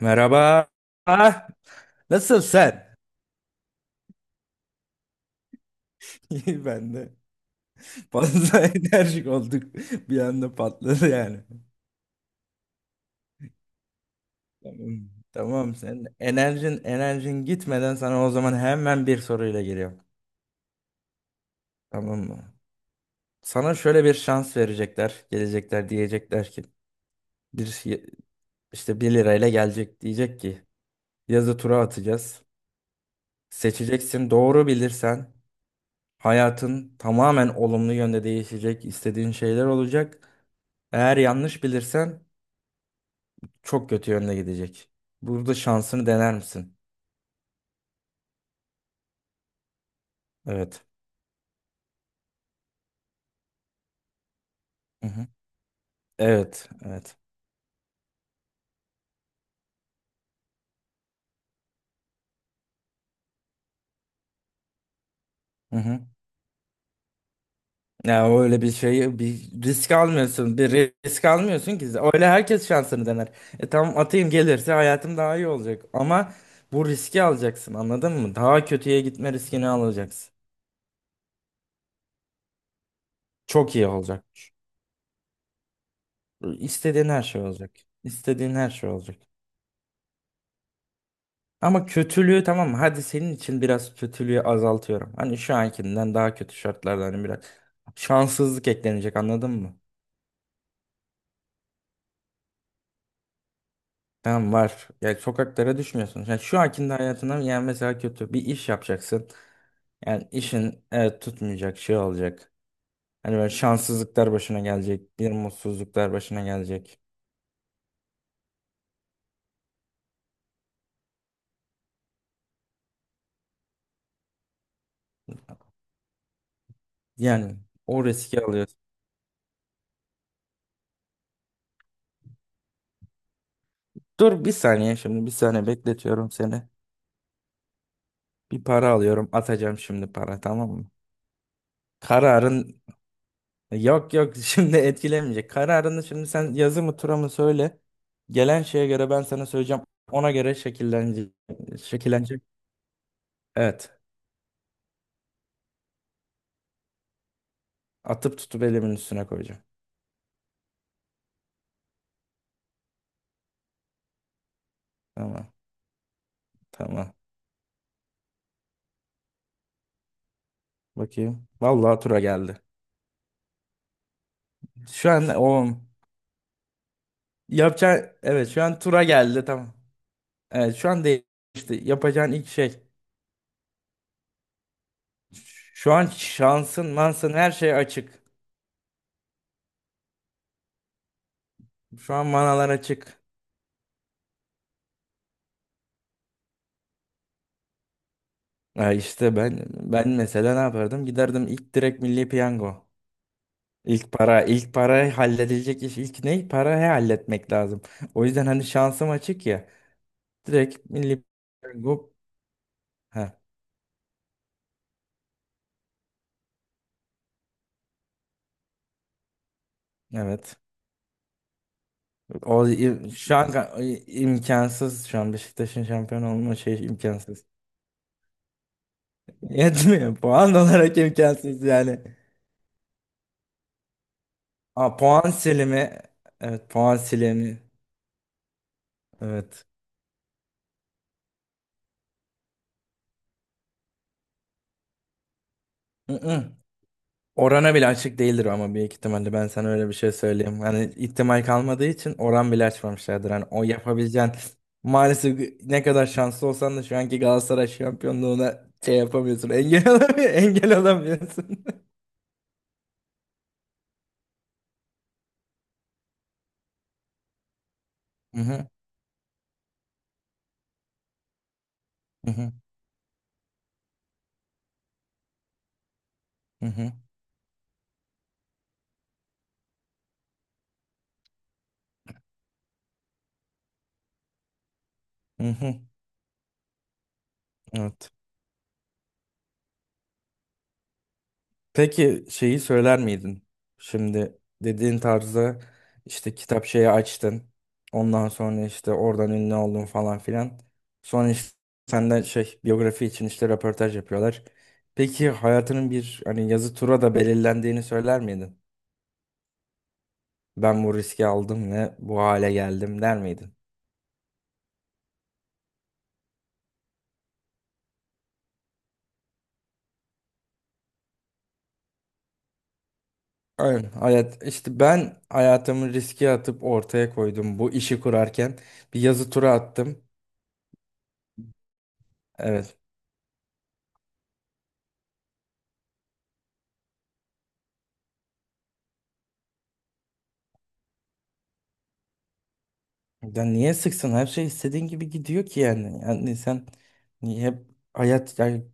Merhaba. Ah, nasılsın sen? İyi ben de. Fazla enerjik olduk. Bir anda patladı yani. Tamam. Tamam, sen enerjin gitmeden sana o zaman hemen bir soruyla geliyorum. Tamam mı? Sana şöyle bir şans verecekler. Gelecekler, diyecekler ki bir şey- işte bir lirayla gelecek, diyecek ki yazı tura atacağız. Seçeceksin, doğru bilirsen hayatın tamamen olumlu yönde değişecek, istediğin şeyler olacak. Eğer yanlış bilirsen çok kötü yönde gidecek. Burada şansını dener misin? Evet. Hı hı. Evet. Evet. Hı hı. Ya öyle bir şeyi bir risk almıyorsun. Bir risk almıyorsun ki. Öyle herkes şansını dener. E tamam, atayım, gelirse hayatım daha iyi olacak. Ama bu riski alacaksın, anladın mı? Daha kötüye gitme riskini alacaksın. Çok iyi olacak. İstediğin her şey olacak. İstediğin her şey olacak. Ama kötülüğü, tamam mı? Hadi, senin için biraz kötülüğü azaltıyorum. Hani şu ankinden daha kötü şartlarda, hani biraz şanssızlık eklenecek, anladın mı? Tamam, var. Yani sokaklara düşmüyorsun. Yani şu ankinde hayatına yani mesela kötü bir iş yapacaksın. Yani işin, evet, tutmayacak şey olacak. Hani böyle şanssızlıklar başına gelecek. Bir mutsuzluklar başına gelecek. Yani o riski alıyorsun. Dur bir saniye, şimdi bir saniye bekletiyorum seni. Bir para alıyorum, atacağım şimdi para, tamam mı? Kararın. Yok, yok, şimdi etkilemeyecek. Kararını şimdi sen yazı mı tura mı söyle. Gelen şeye göre ben sana söyleyeceğim. Ona göre şekillenecek. Şekillenecek. Evet. Atıp tutup elimin üstüne koyacağım. Tamam. Tamam. Bakayım. Vallahi tura geldi. Şu an o yapacağın, evet, şu an tura geldi, tamam. Evet şu an değişti. Yapacağın ilk şey. Şu an şansın, mansın, her şey açık. Şu an manalar açık. Ha, işte ben mesela ne yapardım? Giderdim ilk direkt Milli Piyango. İlk para, ilk para halledilecek iş, ilk ne? Parayı halletmek lazım. O yüzden hani şansım açık ya. Direkt Milli Piyango, ha, evet. O i- şu an ka- imkansız, şu an Beşiktaş'ın şampiyon olma şey, imkansız. Yetmiyor. Puan olarak imkansız yani. Aa, puan silimi. Evet, puan silimi. Evet. Hı hı. Orana bile açık değildir ama büyük ihtimalle ben sana öyle bir şey söyleyeyim. Hani ihtimal kalmadığı için oran bile açmamışlardır. Hani o yapabileceğin maalesef ne kadar şanslı olsan da şu anki Galatasaray şampiyonluğuna şey yapamıyorsun. Engel olamıyorsun. Engel olamıyorsun. Hı hı, hı hı, hı hı, hı hı. Evet. Peki şeyi söyler miydin? Şimdi dediğin tarzda işte kitap şeyi açtın. Ondan sonra işte oradan ünlü oldun falan filan. Sonra işte senden şey biyografi için işte röportaj yapıyorlar. Peki hayatının bir hani yazı tura da belirlendiğini söyler miydin? Ben bu riski aldım ve bu hale geldim der miydin? Aynen hayat işte, ben hayatımı riske atıp ortaya koydum bu işi kurarken bir yazı tura attım. Evet. Ya niye sıksın? Her şey istediğin gibi gidiyor ki yani. Yani sen niye hep hayat yani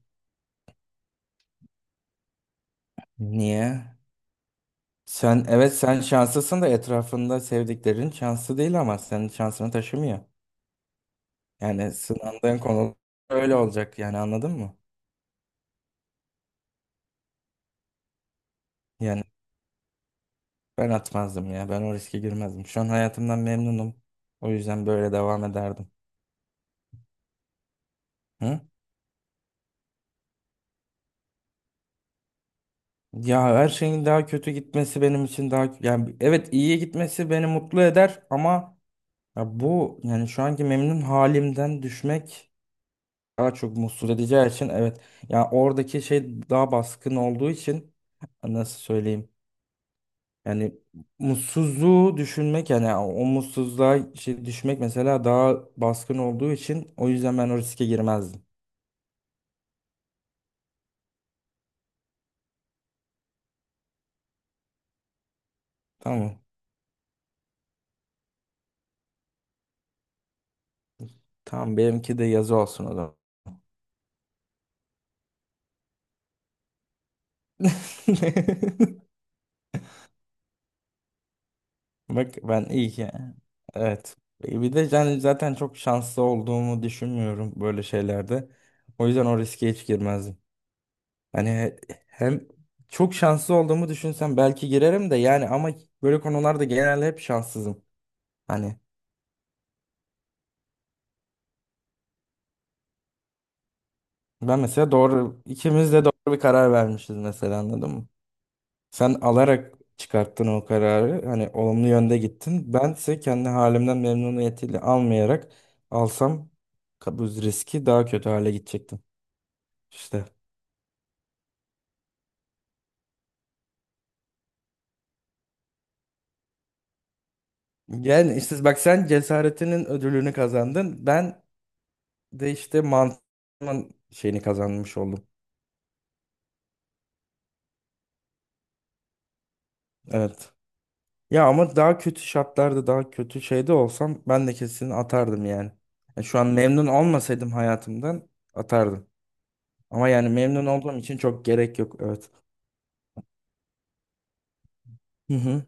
niye? Sen, evet, sen şanslısın da etrafında sevdiklerin şanslı değil, ama senin şansını taşımıyor. Yani sınandığın konu öyle olacak yani, anladın mı? Yani ben atmazdım ya, ben o riske girmezdim. Şu an hayatımdan memnunum. O yüzden böyle devam ederdim. Hı? Ya her şeyin daha kötü gitmesi benim için daha yani, evet, iyiye gitmesi beni mutlu eder ama ya bu yani şu anki memnun halimden düşmek daha çok mutsuz edeceği için, evet. Ya oradaki şey daha baskın olduğu için nasıl söyleyeyim? Yani mutsuzluğu düşünmek yani, o mutsuzluğa şey düşmek mesela daha baskın olduğu için, o yüzden ben o riske girmezdim. Tamam. Tamam, benimki de yazı olsun o zaman. Bak ben iyi ki. Evet. E, bir de yani zaten çok şanslı olduğumu düşünmüyorum böyle şeylerde. O yüzden o riske hiç girmezdim. Hani he- hem çok şanslı olduğumu düşünsem belki girerim de yani, ama böyle konularda genelde hep şanssızım. Hani ben mesela doğru, ikimiz de doğru bir karar vermişiz mesela, anladın mı? Sen alarak çıkarttın o kararı. Hani olumlu yönde gittin. Bense kendi halimden memnuniyetiyle almayarak alsam bu riski daha kötü hale gidecektim. İşte. Yani işte bak sen cesaretinin ödülünü kazandın. Ben de işte mantığımın şeyini kazanmış oldum. Evet. Ya ama daha kötü şartlarda daha kötü şeyde olsam ben de kesin atardım yani. Ya şu an memnun olmasaydım hayatımdan atardım. Ama yani memnun olduğum için çok gerek yok. Evet. Hı hı.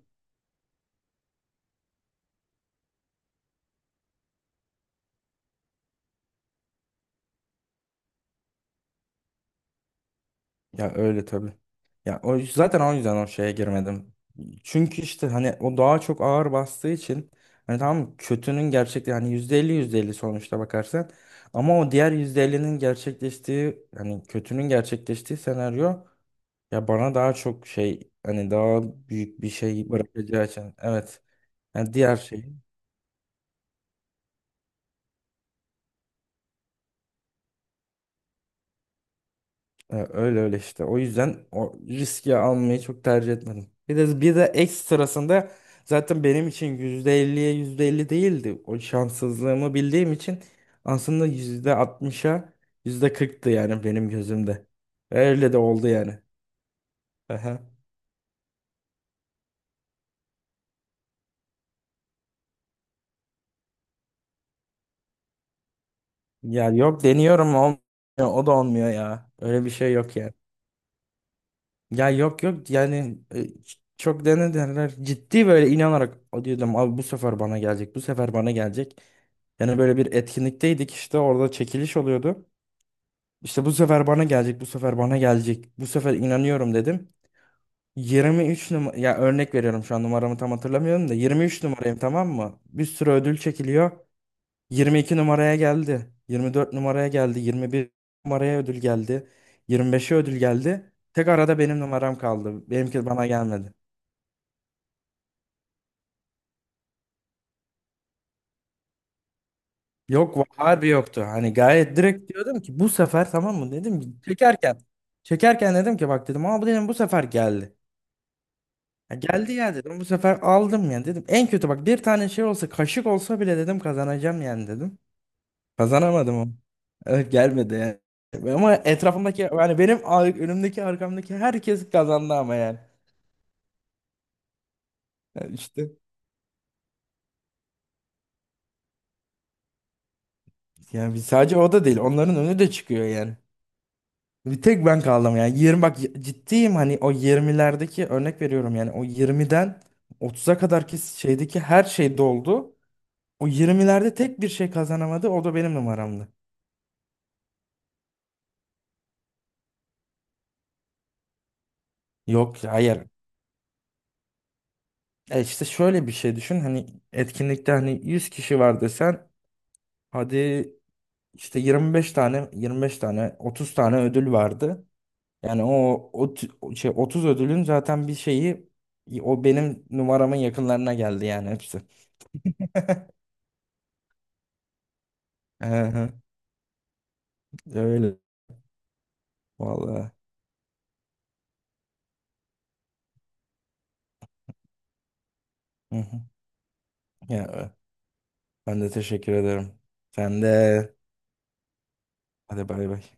Ya öyle tabii. Ya o zaten o yüzden o şeye girmedim. Çünkü işte hani o daha çok ağır bastığı için, hani tamam, kötünün gerçekte hani %50 %50 sonuçta bakarsan ama o diğer %50'nin gerçekleştiği, hani kötünün gerçekleştiği senaryo ya bana daha çok şey, hani daha büyük bir şey bırakacağı için, evet. Yani diğer şey. Ya öyle öyle işte. O yüzden o riski almayı çok tercih etmedim. Bir de ekstrasında zaten benim için yüzde elliye %50 değildi. O şanssızlığımı bildiğim için aslında %60'a %40'tı yani benim gözümde. Öyle de oldu yani. Aha. Ya yok, deniyorum olmuyor. O da olmuyor ya. Öyle bir şey yok yani. Ya yok yok yani çok denediler. Ciddi böyle inanarak "O," diyordum, abi bu sefer bana gelecek, bu sefer bana gelecek. Yani böyle bir etkinlikteydik işte, orada çekiliş oluyordu. İşte bu sefer bana gelecek, bu sefer bana gelecek. Bu sefer inanıyorum, dedim. 23 numara ya, örnek veriyorum, şu an numaramı tam hatırlamıyorum da 23 numarayım, tamam mı? Bir sürü ödül çekiliyor. 22 numaraya geldi. 24 numaraya geldi. 21 numaraya ödül geldi. 25'e ödül geldi. Tek arada benim numaram kaldı. Benimki bana gelmedi. Yok harbi yoktu. Hani gayet direkt diyordum ki bu sefer, tamam mı, dedim ki çekerken. Çekerken dedim ki bak, dedim, ama bu, dedim, bu sefer geldi. Ya geldi ya, dedim, bu sefer aldım ya, dedim. En kötü, bak, bir tane şey olsa, kaşık olsa bile, dedim, kazanacağım yani, dedim. Kazanamadım onu. Evet gelmedi yani. Ama etrafımdaki yani önümdeki arkamdaki herkes kazandı ama yani. Yani işte yani sadece o da değil, onların önü de çıkıyor yani. Bir tek ben kaldım yani. 20, bak ciddiyim, hani o yirmilerdeki örnek veriyorum yani, o 20'den 30'a kadarki şeydeki her şey doldu. O yirmilerde tek bir şey kazanamadı, o da benim numaramdı. Yok hayır. E işte şöyle bir şey düşün hani, etkinlikte hani 100 kişi var desen hadi, İşte 25 tane, 25 tane, 30 tane ödül vardı. Yani o şey, 30 ödülün zaten bir şeyi o benim numaramın yakınlarına geldi yani, hepsi. Hı hı. Öyle vallahi. Hı hı. Ya ben de teşekkür ederim. Sen de, hadi bay bay.